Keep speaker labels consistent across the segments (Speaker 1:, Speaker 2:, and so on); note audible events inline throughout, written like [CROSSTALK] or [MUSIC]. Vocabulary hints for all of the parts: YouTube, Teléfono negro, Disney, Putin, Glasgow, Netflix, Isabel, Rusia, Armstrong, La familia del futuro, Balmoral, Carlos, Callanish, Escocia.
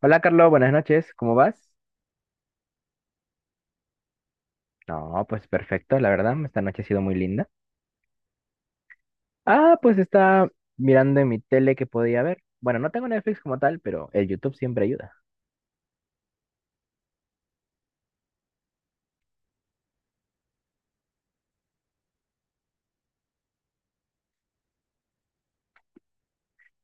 Speaker 1: Hola Carlos, buenas noches, ¿cómo vas? No, pues perfecto, la verdad, esta noche ha sido muy linda. Pues está mirando en mi tele que podía ver. Bueno, no tengo Netflix como tal, pero el YouTube siempre ayuda.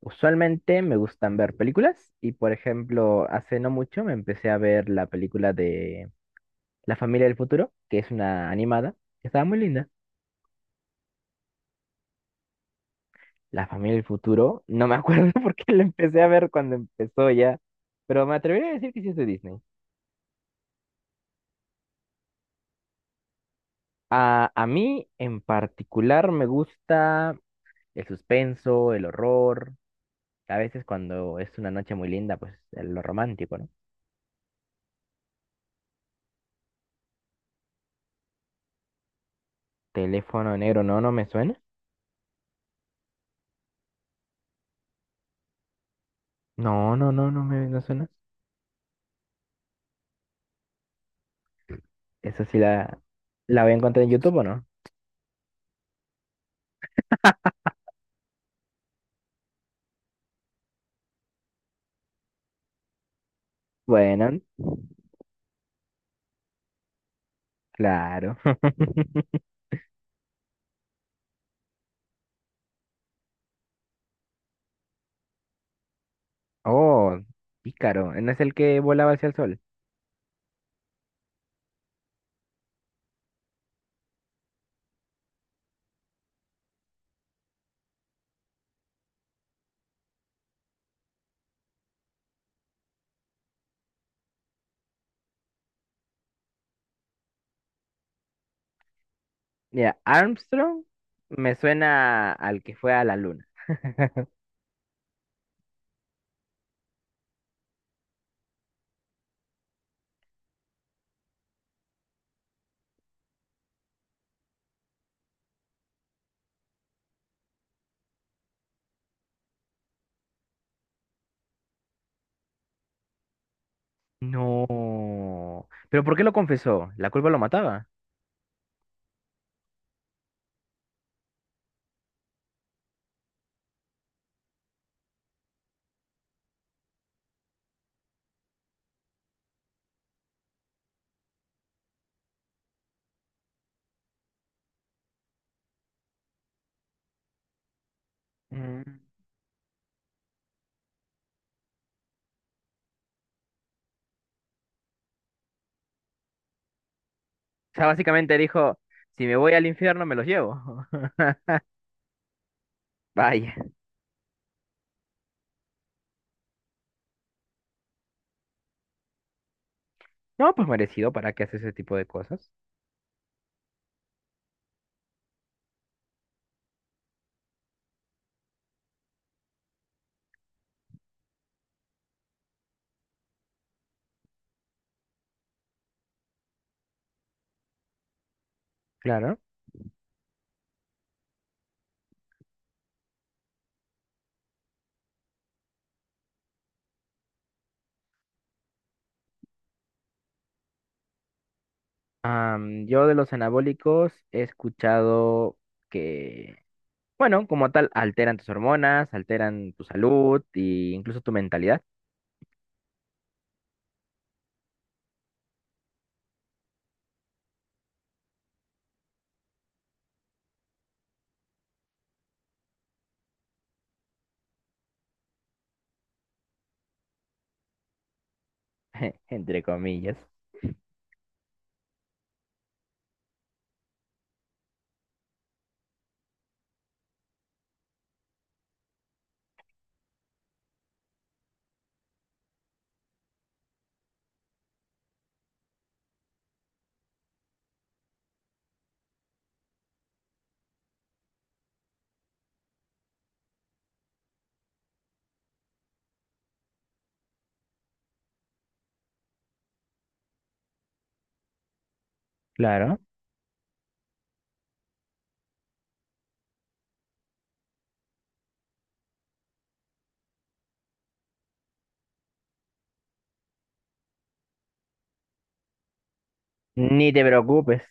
Speaker 1: Usualmente me gustan ver películas y, por ejemplo, hace no mucho me empecé a ver la película de La familia del futuro, que es una animada, que estaba muy linda. La familia del futuro, no me acuerdo [LAUGHS] por qué la empecé a ver cuando empezó ya, pero me atrevería a decir que sí es de Disney. A mí en particular me gusta el suspenso, el horror. A veces cuando es una noche muy linda, pues lo romántico, ¿no? Teléfono negro, no, no me suena. No, no, no, no me no suena. Esa sí la voy a encontrar en YouTube, ¿o no? Bueno, claro. [LAUGHS] Oh, pícaro. ¿No es el que volaba hacia el sol? Mira, Armstrong me suena al que fue a la luna. No. ¿Pero por qué lo confesó? ¿La culpa lo mataba? Mm. O sea, básicamente dijo, si me voy al infierno, me los llevo. [LAUGHS] Vaya. No, pues merecido, ¿para qué hace ese tipo de cosas? Claro. Yo de los anabólicos he escuchado que, bueno, como tal, alteran tus hormonas, alteran tu salud e incluso tu mentalidad, [LAUGHS] entre comillas. Claro. Ni te preocupes.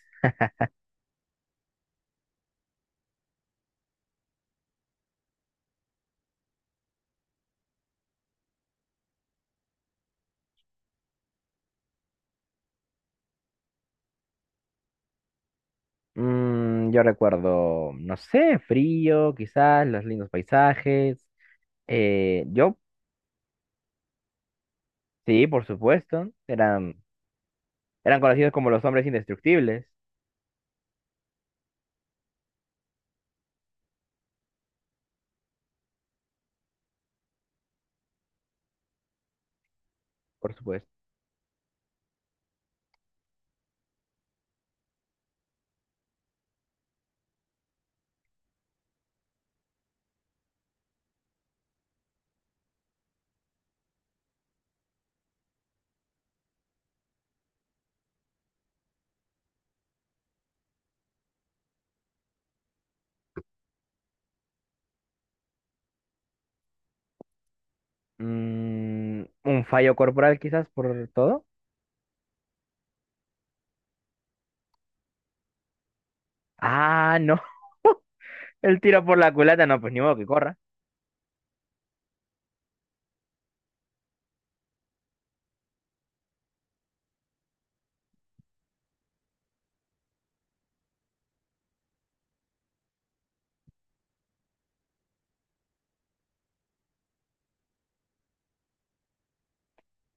Speaker 1: Yo recuerdo, no sé, frío, quizás, los lindos paisajes. Eh, yo, sí, por supuesto, era eran conocidos como los hombres indestructibles, por supuesto. Mm, un fallo corporal quizás por todo. Ah, no. [LAUGHS] El tiro por la culata, no, pues ni modo que corra.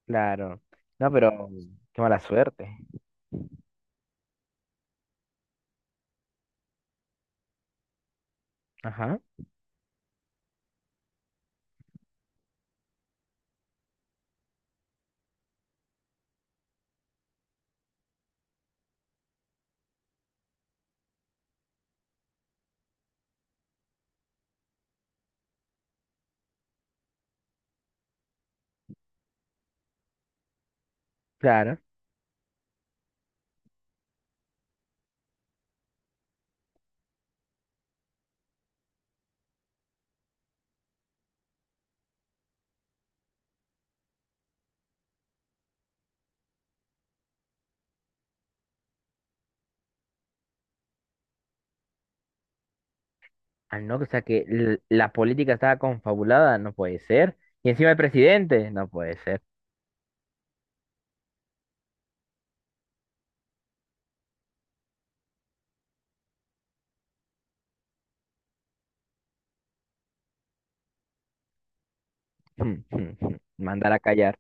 Speaker 1: Claro. No, pero qué mala suerte. Ajá, claro. Ah, no, o sea que la política estaba confabulada, no puede ser. Y encima el presidente, no puede ser. [LAUGHS] Hmm. Mandar a callar.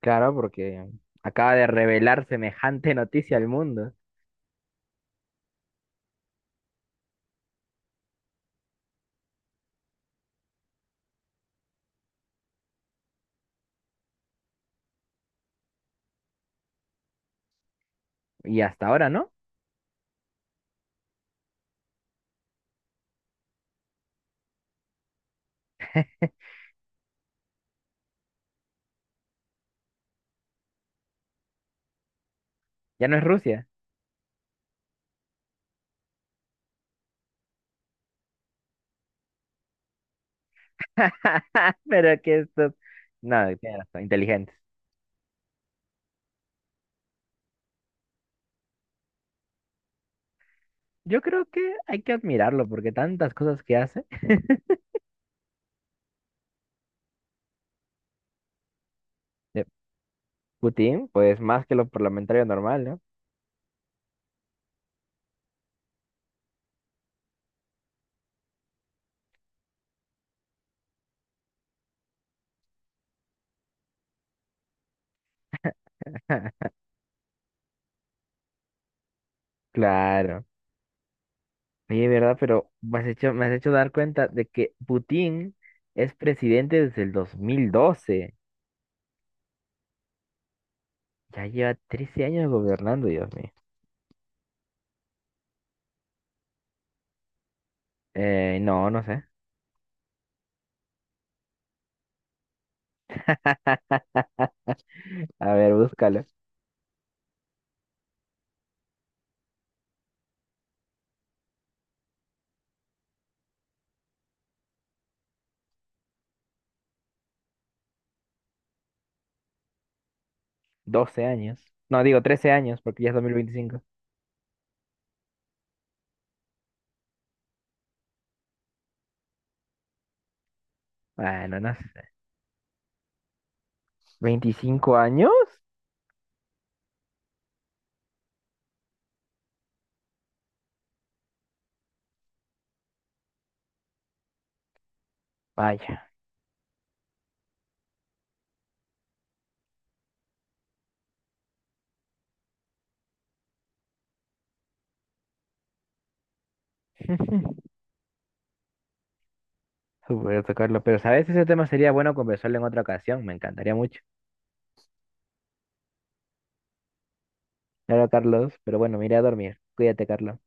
Speaker 1: Claro, porque acaba de revelar semejante [LAUGHS] noticia al mundo. Y hasta ahora, ¿no? Ya no es Rusia. [LAUGHS] Pero que estos, no, tiene razón, inteligentes. Yo creo que hay que admirarlo porque tantas cosas que hace. Eh, Putin, pues más que lo parlamentario normal, ¿no? Claro. Oye, ¿verdad? Pero me has hecho dar cuenta de que Putin es presidente desde el 2012. Ya lleva 13 años gobernando, Dios mío. No, no sé. A ver, búscalo. 12 años. No, digo 13 años porque ya es 2025. Bueno, no sé. ¿25 años? Vaya. [LAUGHS] Supuesto, Carlos. Pero, ¿sabes? Ese tema sería bueno conversarlo en otra ocasión. Me encantaría mucho. Claro, Carlos. Pero bueno, me iré a dormir. Cuídate, Carlos.